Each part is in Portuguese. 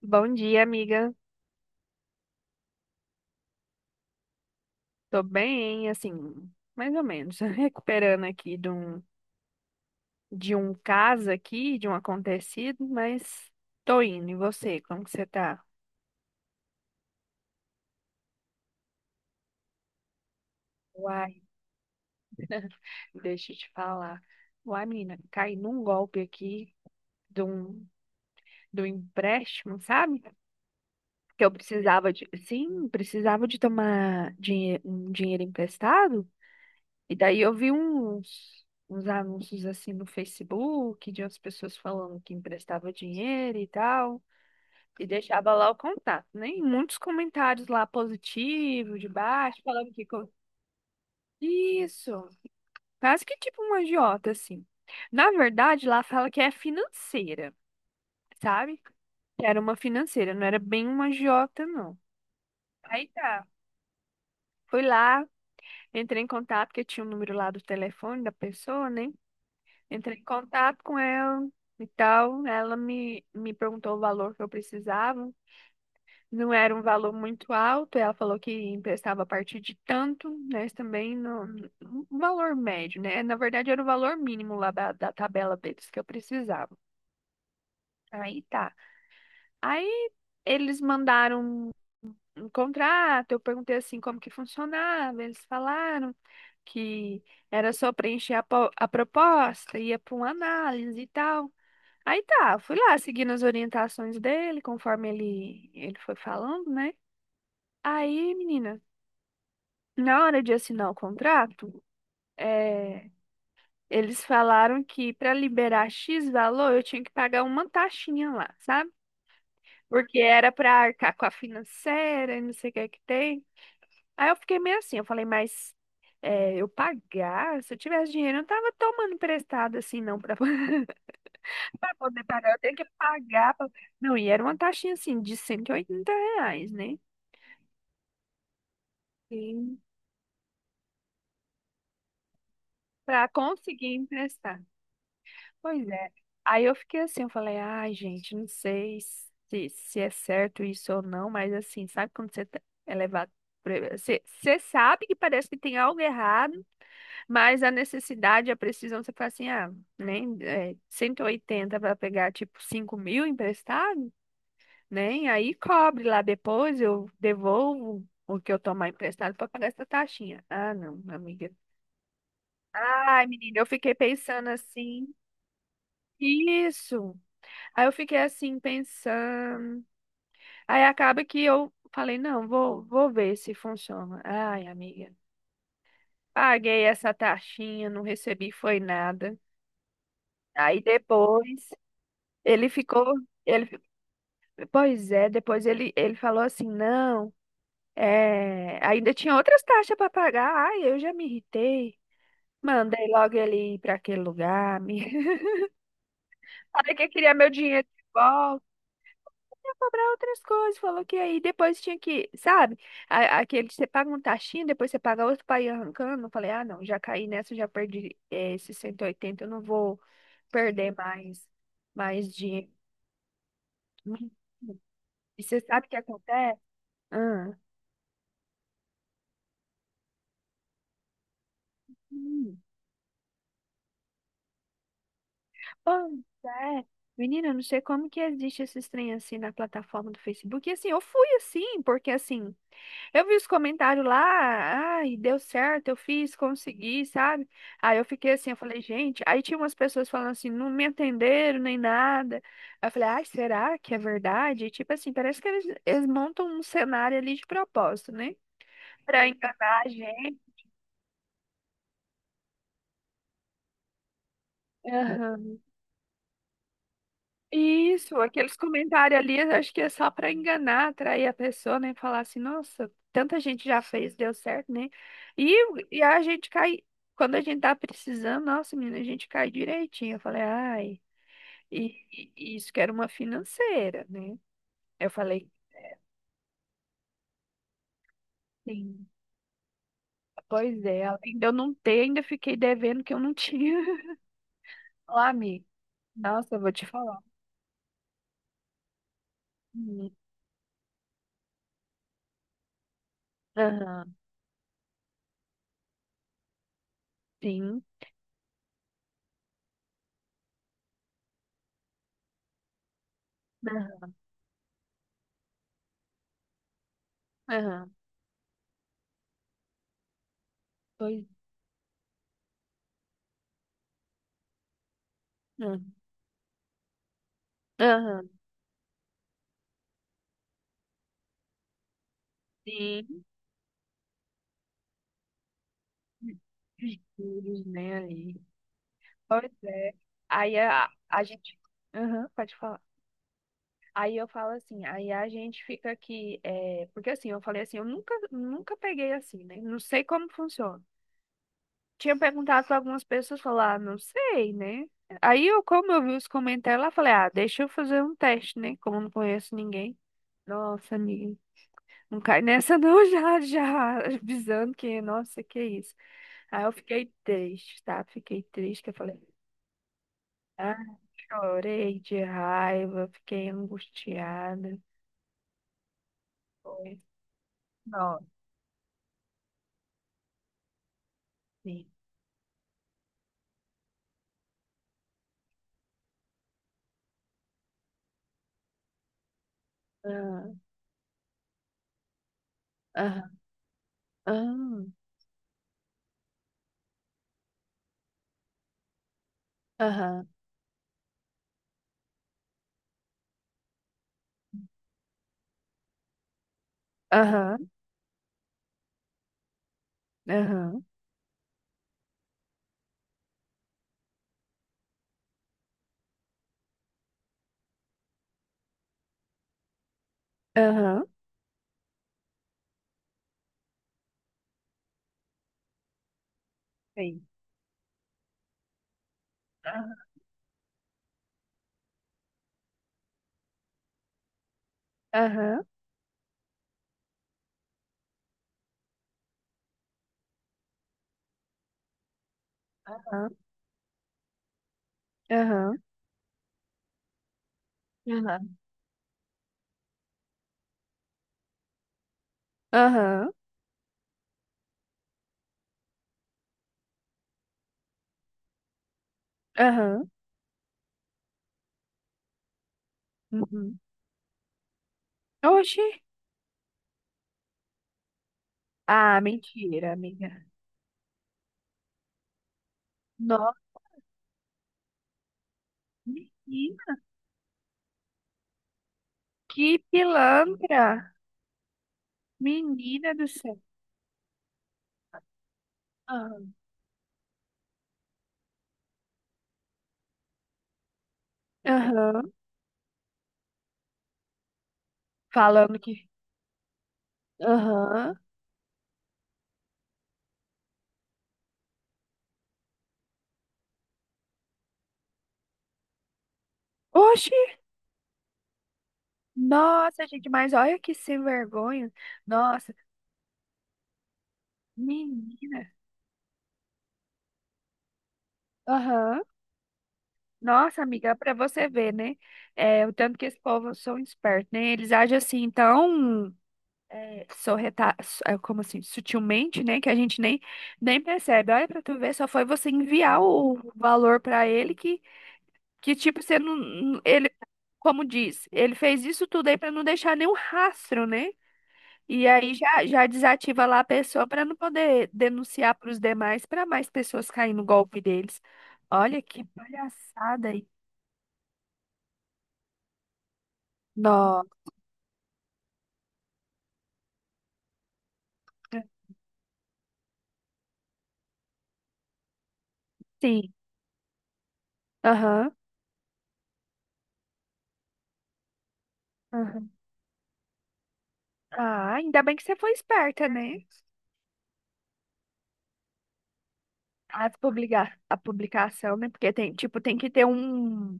Bom dia, amiga. Tô bem, assim, mais ou menos. Recuperando aqui de um caso aqui, de um acontecido, mas tô indo. E você, como que você tá? Uai, deixa eu te falar. Uai, menina, caí num golpe aqui de um, de um empréstimo, sabe? Que eu precisava de, sim, precisava de tomar dinhe um dinheiro emprestado. E daí eu vi uns anúncios assim no Facebook de umas pessoas falando que emprestava dinheiro e tal, e deixava lá o contato, né? E muitos comentários lá positivos, de baixo, falando que isso, quase que tipo um agiota assim. Na verdade, lá fala que é financeira, sabe? Que era uma financeira, não era bem uma agiota, não. Aí tá. Fui lá, entrei em contato, porque tinha o número lá do telefone da pessoa, né? Entrei em contato com ela e tal. Ela me perguntou o valor que eu precisava. Não era um valor muito alto. Ela falou que emprestava a partir de tanto, né? Mas também no, um valor médio, né? Na verdade, era o valor mínimo lá da tabela deles que eu precisava. Aí tá. Aí eles mandaram um contrato. Eu perguntei assim como que funcionava. Eles falaram que era só preencher a proposta, ia para uma análise e tal. Aí tá, fui lá seguindo as orientações dele, conforme ele foi falando, né? Aí, menina, na hora de assinar o contrato, é, eles falaram que para liberar X valor eu tinha que pagar uma taxinha lá, sabe? Porque era para arcar com a financeira e não sei o que é que tem. Aí eu fiquei meio assim, eu falei, mas é, eu pagar? Se eu tivesse dinheiro, eu não tava tomando emprestado assim, não, para Pra poder pagar, eu tenho que pagar. Não, e era uma taxinha assim de R$ 180, né? Sim. Pra conseguir emprestar. Pois é. Aí eu fiquei assim, eu falei, ai, gente, não sei se é certo isso ou não, mas assim, sabe quando você é levado. Você sabe que parece que tem algo errado, mas a necessidade, a precisão, você fala assim, ah, nem é, 180 para pegar tipo 5 mil emprestado? Né? E aí cobre lá depois, eu devolvo o que eu tomar emprestado para pagar essa taxinha. Ah, não, amiga. Ai, menina, eu fiquei pensando assim. Isso. Aí eu fiquei assim pensando. Aí acaba que eu falei, não, vou ver se funciona. Ai, amiga, paguei essa taxinha, não recebi foi nada. Aí depois ele ficou, ele, pois é, depois ele falou assim, não. É, ainda tinha outras taxas para pagar. Ai, eu já me irritei. Mandei logo ele ir para aquele lugar. Me... Falei que eu queria meu dinheiro de volta. Ia cobrar outras coisas. Falou que aí depois tinha que, sabe? Aquele que você paga um taxinho, depois você paga outro para ir arrancando. Eu falei, ah, não, já caí nessa, já perdi esses 180, eu não vou perder mais dinheiro. Hum. E você sabe o que acontece? Ah. Pois é. Menina, eu não sei como que existe esse trem assim na plataforma do Facebook. E assim, eu fui assim, porque assim, eu vi os comentários lá, ai, deu certo, eu fiz, consegui, sabe? Aí eu fiquei assim, eu falei, gente, aí tinha umas pessoas falando assim, não me atenderam nem nada. Aí eu falei, ai, será que é verdade? E, tipo assim, parece que eles montam um cenário ali de propósito, né? Pra enganar a gente. Aham. Isso, aqueles comentários ali, eu acho que é só para enganar, atrair a pessoa, né? Falar assim, nossa, tanta gente já fez, deu certo, né? E, e a gente cai, quando a gente tá precisando, nossa, menina, a gente cai direitinho. Eu falei, ai, e, e isso que era uma financeira, né? Eu falei, sim, pois é, além de eu não ter, ainda fiquei devendo que eu não tinha. Lá, amiga, nossa, eu vou te falar. Hum, Aham, sim, aham, aham, pois, aham, aham, sim. Jesus, nem aí. Pois é. Aí a gente. Aham, pode falar. Aí eu falo assim, aí a gente fica aqui. Porque assim, eu falei assim, eu nunca peguei assim, né? Não sei como funciona. Tinha perguntado para algumas pessoas, falar, ah, não sei, né? Aí eu, como eu vi os comentários lá, falei, ah, deixa eu fazer um teste, né? Como eu não conheço ninguém. Nossa, amiga, não cai nessa não, já, já, avisando que, nossa, que isso. Aí eu fiquei triste, tá? Fiquei triste, que eu falei. Ah, chorei de raiva, fiquei angustiada. Foi. Nossa. Sim. Ah, aham, aham, aham, aham, aham, aham, sim. Aham, aham, aham, aham, aham. Aham, aham, uhum. Oxi. Ah, mentira, amiga. Nossa, menina, que pilantra. Menina do céu. Aham, aham, falando que. Aham. Oxi. Nossa, gente, mas olha que sem vergonha. Nossa, menino. Aham. Nossa, amiga, pra você ver, né? É, o tanto que esse povo são espertos, né? Eles agem assim tão sorreta, como assim, sutilmente, né? Que a gente nem percebe. Olha pra tu ver, só foi você enviar o valor pra ele que, tipo, você não. Ele, como diz, ele fez isso tudo aí pra não deixar nenhum rastro, né? E aí já, já desativa lá a pessoa para não poder denunciar para os demais, para mais pessoas caírem no golpe deles. Olha que palhaçada aí. Nossa, sim. Aham. Aham. Ah, ainda bem que você foi esperta, né? As publica A publicação, né? Porque tem, tipo, tem que ter um.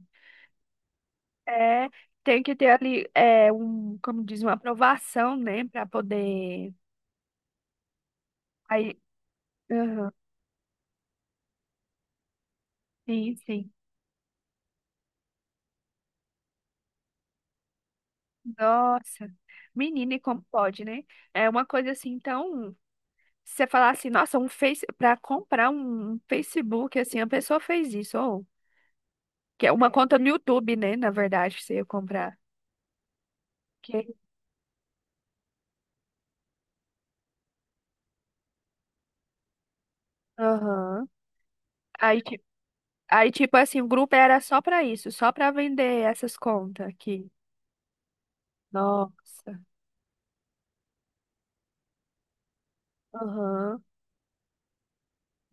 É, tem que ter ali, um, como diz, uma aprovação, né? Para poder. Aí. Aham. Sim, sim. Nossa, menina, e como pode, né? É uma coisa assim, então, se você falar assim, nossa, um Face, para comprar um Facebook, assim, a pessoa fez isso, ou que é uma conta no YouTube, né? Na verdade, você ia comprar. Que- Aham. Aí, ti- aí, tipo assim, o grupo era só pra isso, só pra vender essas contas aqui. Nossa. Aham.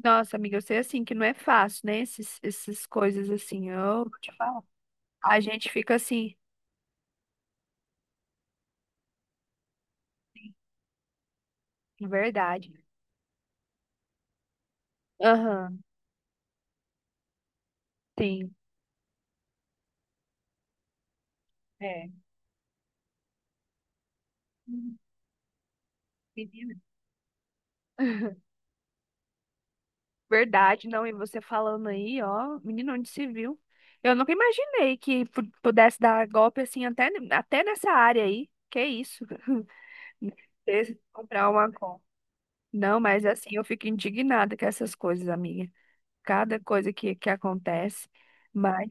Nossa, amiga, eu sei assim que não é fácil, né? Essas coisas assim, eu te falo. A gente fica assim, de verdade. Aham. Sim. É. Uhum. Menina, verdade, não. E você falando aí, ó, menino, onde se viu? Eu nunca imaginei que pudesse dar golpe assim, até nessa área aí. Que isso? Comprar uma compra. Não, mas assim, eu fico indignada com essas coisas, amiga. Cada coisa que acontece. Mas,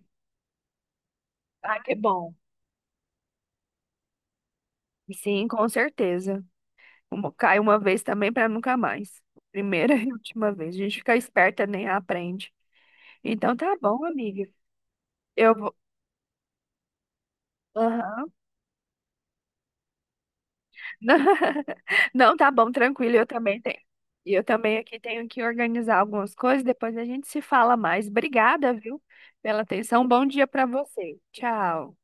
ah, que bom. Sim, com certeza. Cai uma vez também para nunca mais. Primeira e última vez. A gente fica esperta, nem aprende. Então tá bom, amiga. Eu vou. Aham. Não, não, tá bom, tranquilo. Eu também tenho. E eu também aqui tenho que organizar algumas coisas. Depois a gente se fala mais. Obrigada, viu, pela atenção. Bom dia para você. Tchau.